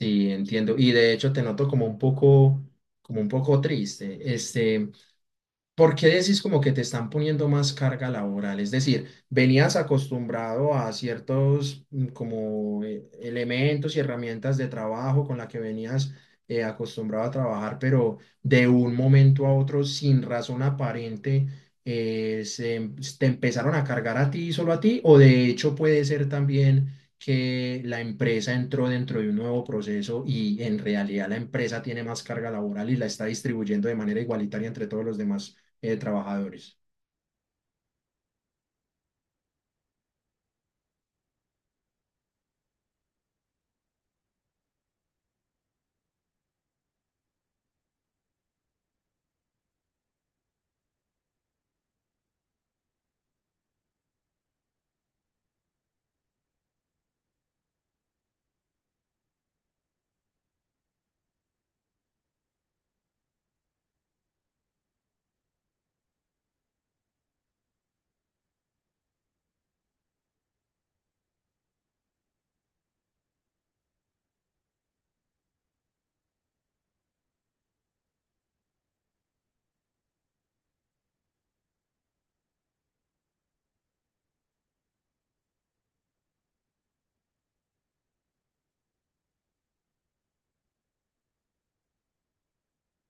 Sí, entiendo. Y de hecho te noto como un poco triste. ¿Porque decís como que te están poniendo más carga laboral? Es decir, venías acostumbrado a ciertos como elementos y herramientas de trabajo con la que venías acostumbrado a trabajar, pero de un momento a otro, sin razón aparente, te empezaron a cargar a ti, y solo a ti, o de hecho puede ser también que la empresa entró dentro de un nuevo proceso y en realidad la empresa tiene más carga laboral y la está distribuyendo de manera igualitaria entre todos los demás trabajadores.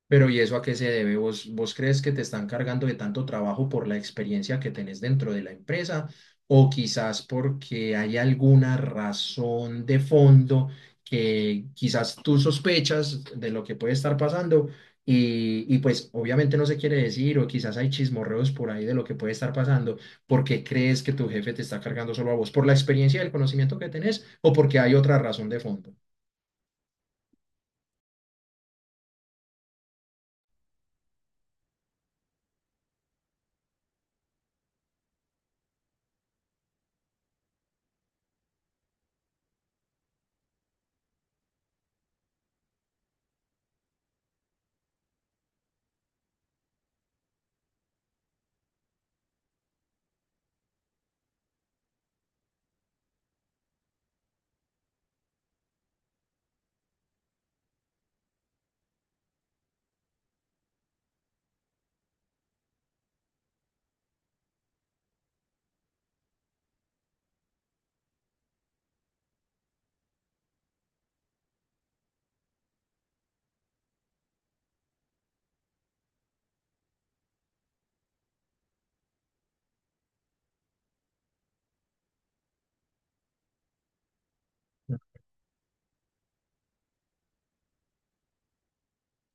Pero ¿y eso a qué se debe? ¿Vos crees que te están cargando de tanto trabajo por la experiencia que tenés dentro de la empresa? ¿O quizás porque hay alguna razón de fondo que quizás tú sospechas de lo que puede estar pasando? Y pues obviamente no se quiere decir, o quizás hay chismorreos por ahí de lo que puede estar pasando, porque crees que tu jefe te está cargando solo a vos por la experiencia y el conocimiento que tenés, o porque hay otra razón de fondo.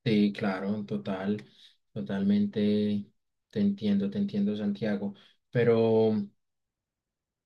Sí, claro, total, totalmente te entiendo, Santiago. Pero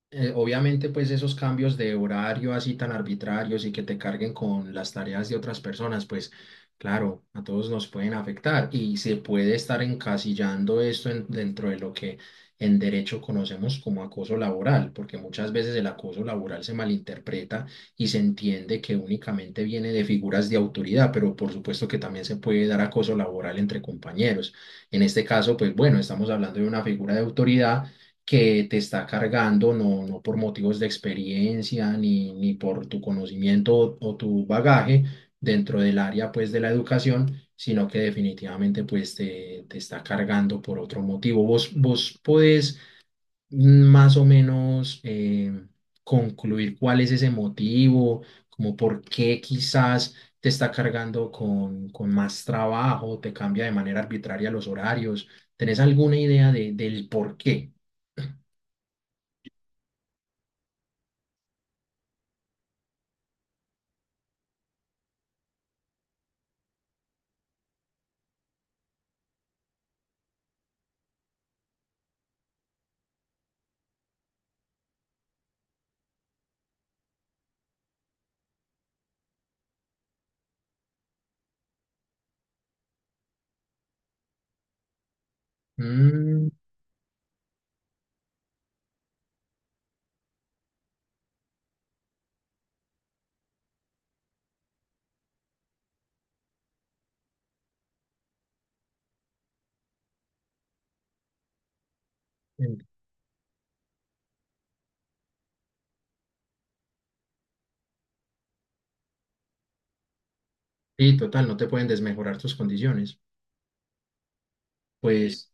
obviamente, pues esos cambios de horario así tan arbitrarios y que te carguen con las tareas de otras personas, pues claro, a todos nos pueden afectar y se puede estar encasillando dentro de lo que en derecho conocemos como acoso laboral, porque muchas veces el acoso laboral se malinterpreta y se entiende que únicamente viene de figuras de autoridad, pero por supuesto que también se puede dar acoso laboral entre compañeros. En este caso, pues bueno, estamos hablando de una figura de autoridad que te está cargando, no, no por motivos de experiencia ni por tu conocimiento o tu bagaje dentro del área pues de la educación, sino que definitivamente pues te está cargando por otro motivo. Vos podés más o menos concluir cuál es ese motivo, como por qué quizás te está cargando con más trabajo, te cambia de manera arbitraria los horarios. ¿Tenés alguna idea de, del por qué? Mm, en- y total, no te pueden desmejorar tus condiciones. Sí. Pues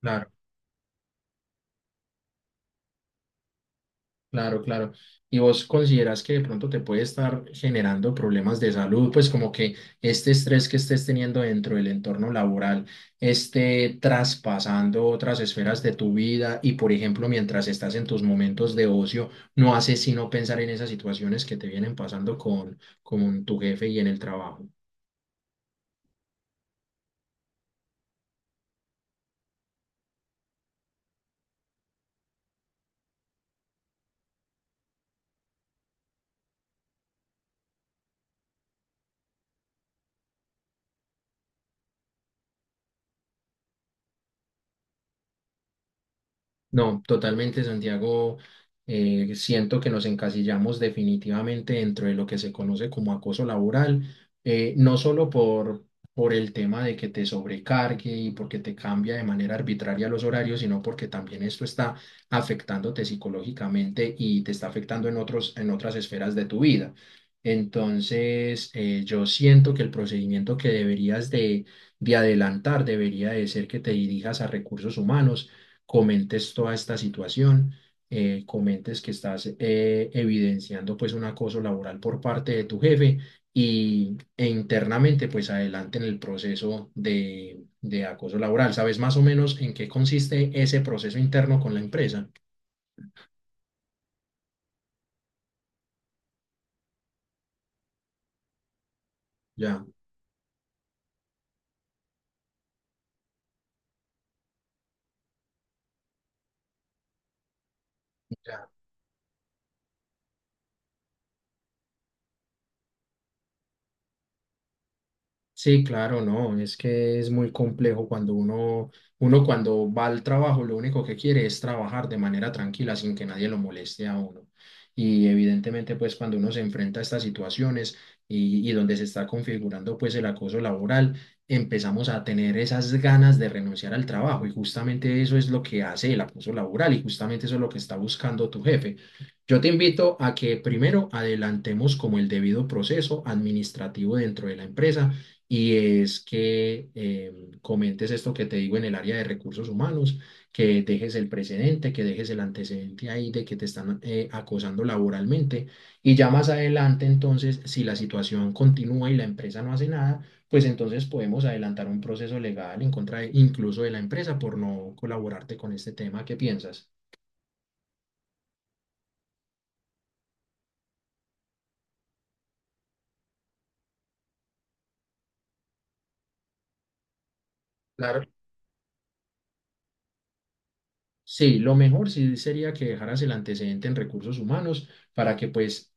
claro, claro, claro. ¿Y vos consideras que de pronto te puede estar generando problemas de salud? Pues como que este estrés que estés teniendo dentro del entorno laboral esté traspasando otras esferas de tu vida y, por ejemplo, mientras estás en tus momentos de ocio, no haces sino pensar en esas situaciones que te vienen pasando con tu jefe y en el trabajo. No, totalmente, Santiago. Siento que nos encasillamos definitivamente dentro de lo que se conoce como acoso laboral, no solo por el tema de que te sobrecargue y porque te cambia de manera arbitraria los horarios, sino porque también esto está afectándote psicológicamente y te está afectando en otros, en otras esferas de tu vida. Entonces, yo siento que el procedimiento que deberías de adelantar debería de ser que te dirijas a recursos humanos, comentes toda esta situación, comentes que estás evidenciando pues un acoso laboral por parte de tu jefe y, e internamente pues adelante en el proceso de acoso laboral. ¿Sabes más o menos en qué consiste ese proceso interno con la empresa? Ya, ya. Sí, claro, no, es que es muy complejo cuando uno, uno cuando va al trabajo, lo único que quiere es trabajar de manera tranquila sin que nadie lo moleste a uno. Y evidentemente, pues cuando uno se enfrenta a estas situaciones y donde se está configurando pues el acoso laboral, empezamos a tener esas ganas de renunciar al trabajo y justamente eso es lo que hace el acoso laboral y justamente eso es lo que está buscando tu jefe. Yo te invito a que primero adelantemos como el debido proceso administrativo dentro de la empresa y es que comentes esto que te digo en el área de recursos humanos, que dejes el precedente, que dejes el antecedente ahí de que te están acosando laboralmente y ya más adelante entonces, si la situación continúa y la empresa no hace nada, pues entonces podemos adelantar un proceso legal incluso de la empresa por no colaborarte con este tema. ¿Qué piensas? Claro. Sí, lo mejor sí sería que dejaras el antecedente en recursos humanos para que pues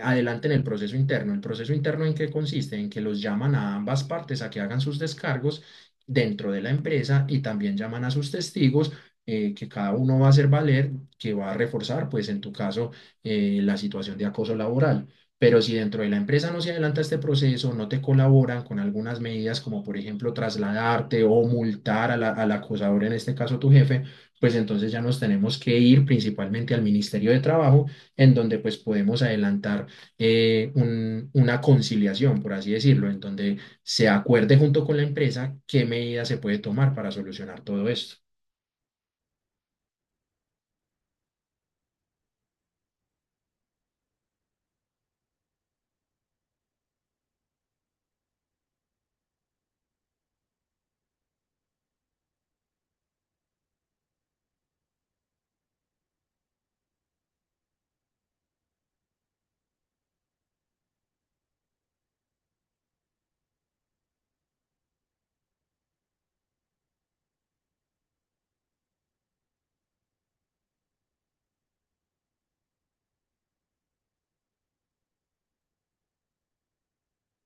adelanten el proceso interno. ¿El proceso interno en qué consiste? En que los llaman a ambas partes a que hagan sus descargos dentro de la empresa y también llaman a sus testigos que cada uno va a hacer valer, que va a reforzar pues en tu caso la situación de acoso laboral. Pero si dentro de la empresa no se adelanta este proceso, no te colaboran con algunas medidas como por ejemplo trasladarte o multar al acosador, en este caso tu jefe, pues entonces ya nos tenemos que ir principalmente al Ministerio de Trabajo, en donde pues podemos adelantar una conciliación, por así decirlo, en donde se acuerde junto con la empresa qué medidas se puede tomar para solucionar todo esto.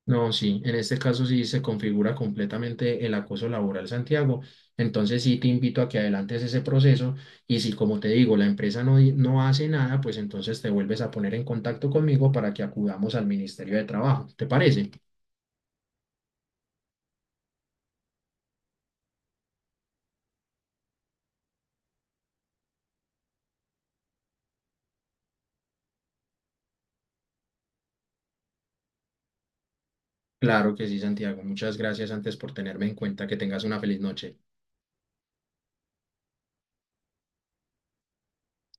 No, sí, en este caso sí se configura completamente el acoso laboral, Santiago. Entonces sí te invito a que adelantes ese proceso y si, como te digo, la empresa no hace nada, pues entonces te vuelves a poner en contacto conmigo para que acudamos al Ministerio de Trabajo. ¿Te parece? Claro que sí, Santiago. Muchas gracias antes por tenerme en cuenta. Que tengas una feliz noche.